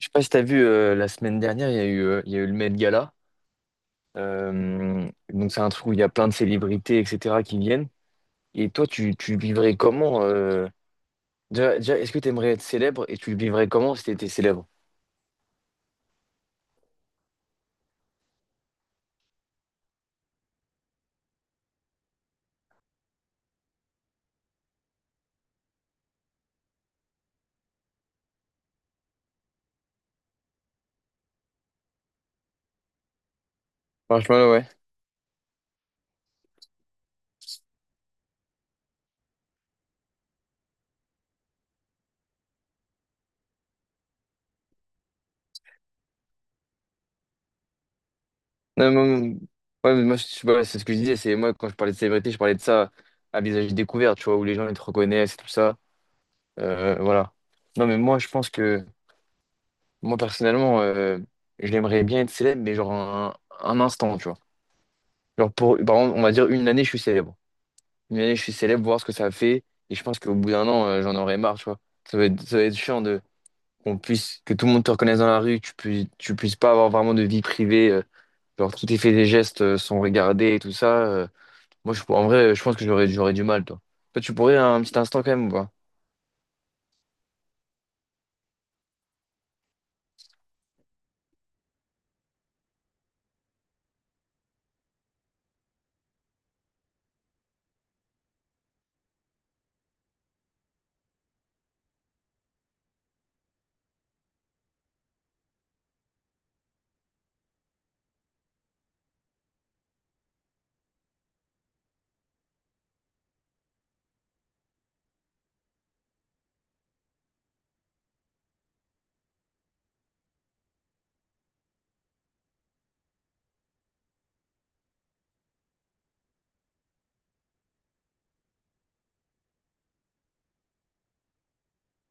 Je sais pas si t'as vu la semaine dernière, il y a eu, il y a eu le Met Gala. Donc c'est un truc où il y a plein de célébrités, etc. qui viennent. Et toi, tu vivrais comment déjà, est-ce que tu aimerais être célèbre et tu le vivrais comment si t'étais célèbre? Franchement, ouais. Non, mais moi, ouais, mais moi, je sais pas, c'est ce que je disais. C'est moi quand je parlais de célébrité, je parlais de ça à visage découvert, tu vois, où les gens ils te reconnaissent et tout ça. Voilà. Non, mais moi, je pense que moi personnellement, j'aimerais bien être célèbre, mais genre un instant, tu vois. Genre pour, par exemple, on va dire une année, je suis célèbre. Une année, je suis célèbre, voir ce que ça fait. Et je pense qu'au bout d'un an, j'en aurais marre, tu vois. Ça va être chiant de qu'on puisse, que tout le monde te reconnaisse dans la rue, que tu puisses pas avoir vraiment de vie privée. Genre, tous tes faits et gestes sont regardés et tout ça. Moi, en vrai, je pense que j'aurais du mal, toi. Toi, tu pourrais un petit instant quand même ou pas?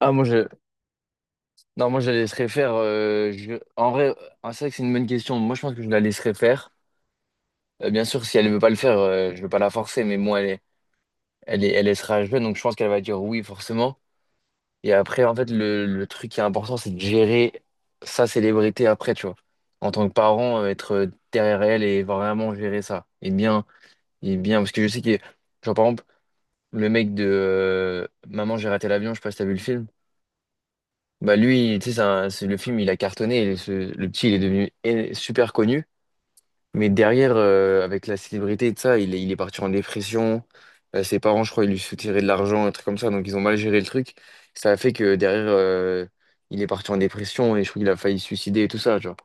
Ah, non, moi, je la laisserais faire. En vrai, ah, c'est vrai que c'est une bonne question. Moi, je pense que je la laisserais faire. Bien sûr, si elle ne veut pas le faire, je ne veux pas la forcer, mais moi, elle est. elle est, elle elle sera jeune, donc je pense qu'elle va dire oui, forcément. Et après, en fait, le truc qui est important, c'est de gérer sa célébrité après, tu vois. En tant que parent, être derrière elle et vraiment gérer ça. Et bien, parce que je sais que, genre, par exemple, le mec de Maman, j'ai raté l'avion, je sais pas si t'as vu le film. Bah, lui, tu sais, le film, il a cartonné et le petit, il est devenu super connu. Mais derrière, avec la célébrité et tout ça, il est parti en dépression. Ses parents, je crois, ils lui soutiraient de l'argent, un truc comme ça. Donc, ils ont mal géré le truc. Ça a fait que derrière, il est parti en dépression et je trouve qu'il a failli se suicider et tout ça, tu vois.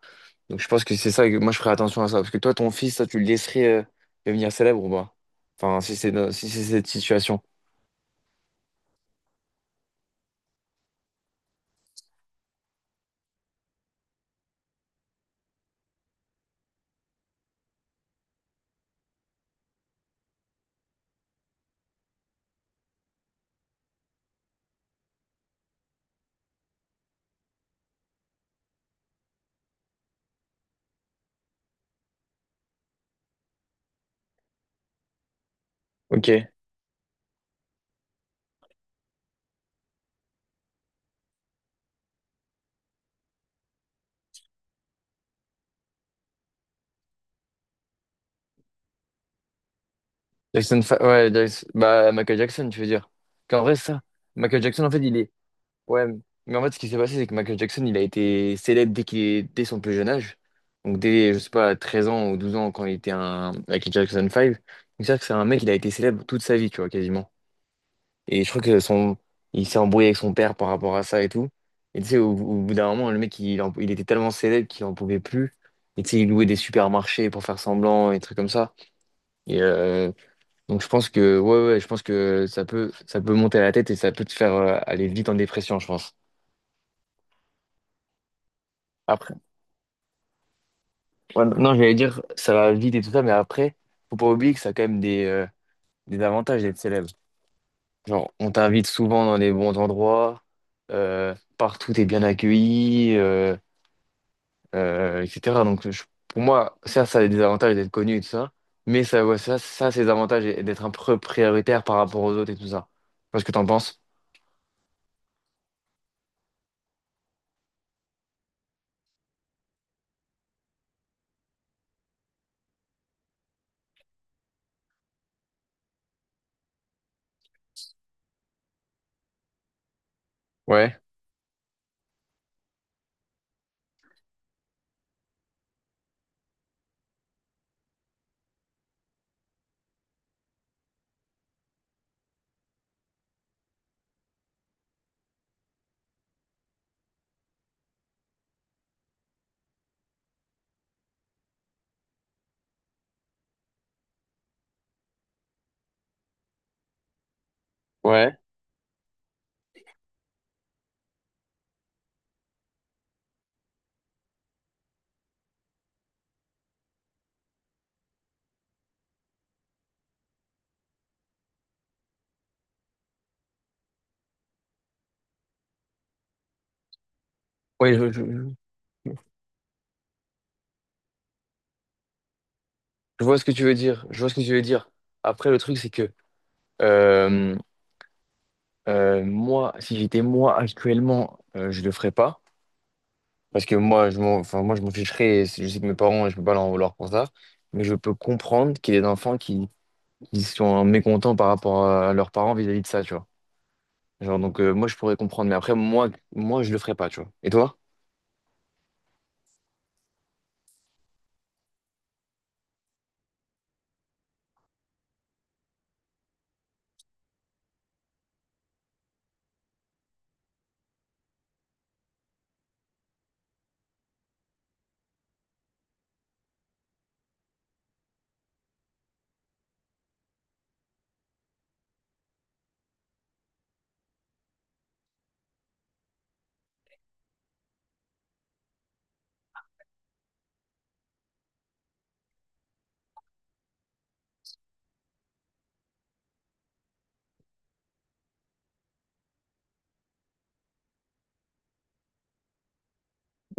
Donc, je pense que c'est ça que moi, je ferais attention à ça. Parce que toi, ton fils, ça, tu le laisserais devenir célèbre ou pas? Enfin, si c'est cette situation. Ok. Jackson, Fa- ouais, Jackson- bah, Michael Jackson, tu veux dire. Qu'en vrai, c'est ça. Michael Jackson, en fait, il est. Ouais, mais en fait, ce qui s'est passé, c'est que Michael Jackson, il a été célèbre dès son plus jeune âge. Donc, dès, je sais pas, 13 ans ou 12 ans, quand il était un Michael Jackson 5. Donc, c'est-à-dire que c'est un mec, il a été célèbre toute sa vie, tu vois, quasiment. Et je crois que il s'est embrouillé avec son père par rapport à ça et tout. Et tu sais, au bout d'un moment, le mec, il était tellement célèbre qu'il en pouvait plus. Et tu sais, il louait des supermarchés pour faire semblant et des trucs comme ça. Et donc, je pense que, ouais, je pense que ça peut monter à la tête et ça peut te faire aller vite en dépression, je pense. Ouais, non, j'allais dire, ça va vite et tout ça, mais après, faut pas oublier que ça a quand même des avantages d'être célèbre. Genre, on t'invite souvent dans les bons endroits, partout t'es bien accueilli, etc. Pour moi, ça a des avantages d'être connu et tout ça, mais ça, c'est des avantages d'être un peu prioritaire par rapport aux autres et tout ça. Tu vois ce que t'en penses? Ouais. Ouais. Oui, je- je vois ce que tu veux dire. Je vois ce que tu veux dire. Après, le truc, c'est que euh, moi, si j'étais moi actuellement, je le ferais pas. Parce que moi, je m'en ficherais. Et je sais que mes parents, je peux pas leur en vouloir pour ça. Mais je peux comprendre qu'il y ait des enfants qui sont mécontents par rapport à leurs parents vis-à-vis de ça, tu vois. Moi, je pourrais comprendre. Mais après, moi, je le ferais pas, tu vois. Et toi?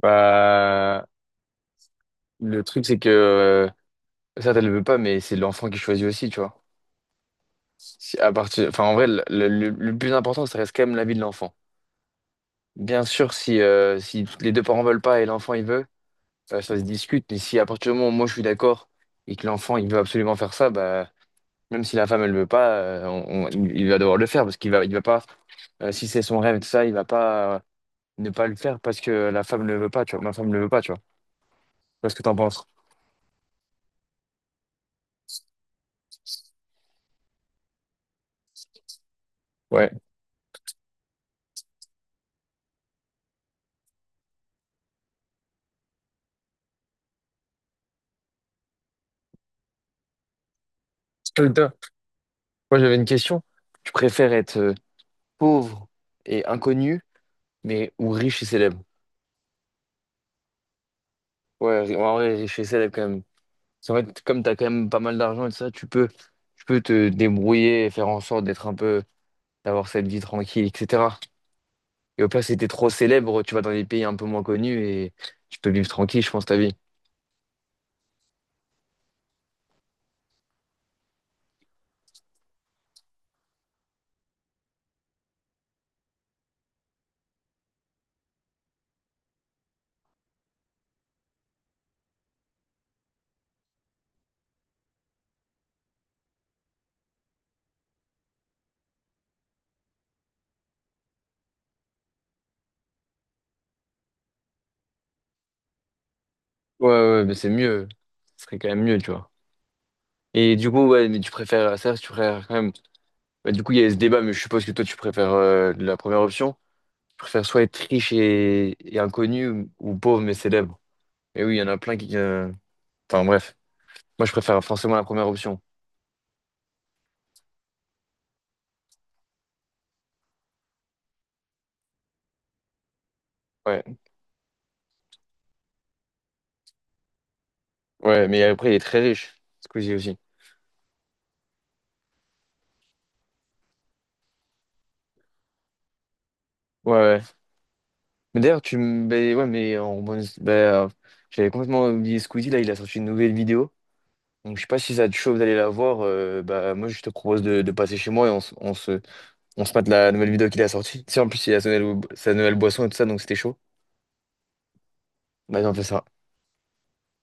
Bah, le truc, c'est que ça, tu le veux pas, mais c'est l'enfant qui choisit aussi, tu vois. Si- à partir, enfin, en vrai, le- Le plus important, ça reste quand même la vie de l'enfant. Bien sûr, si, si les deux parents veulent pas et l'enfant il veut, ça se discute, mais si à partir du moment où moi je suis d'accord et que l'enfant il veut absolument faire ça, bah, même si la femme elle veut pas, il va devoir le faire parce qu'il va pas, si c'est son rêve et tout ça, il va pas ne pas le faire parce que la femme ne le veut pas, tu vois, ma femme ne le veut pas, tu vois. Qu'est-ce que t'en penses? Ouais. Toi, toi, Moi j'avais une question. Tu préfères être pauvre et inconnu, mais ou riche et célèbre? Ouais, en vrai, riche et célèbre quand même. Parce qu'en fait, comme t'as quand même pas mal d'argent et tout ça, tu peux te débrouiller et faire en sorte d'être un peu. D'avoir cette vie tranquille, etc. Et au pire, si t'es trop célèbre, tu vas dans des pays un peu moins connus et tu peux vivre tranquille, je pense, ta vie. Ouais, ouais, mais c'est mieux. Ce serait quand même mieux, tu vois. Et du coup, ouais, mais tu préfères quand même. Bah, du coup, il y a ce débat, mais je suppose que toi, tu préfères la première option. Tu préfères soit être riche et inconnu ou pauvre mais célèbre. Mais oui, il y en a plein qui. Enfin, bref. Moi, je préfère forcément la première option. Ouais, ouais, mais après, il est très riche. Squeezie aussi. Ouais, ouais. Mais d'ailleurs, tu me. Ben ouais, mais en bonne. Ben, euh, j'avais complètement oublié Squeezie, là, il a sorti une nouvelle vidéo. Donc, je sais pas si ça te chauffe d'aller la voir. Bah, moi, je te propose de passer chez moi et on se mate la nouvelle vidéo qu'il a sortie. Tu sais, en plus, il a sa nouvelle boisson et tout ça, donc c'était chaud. Vas-y, on fait ça.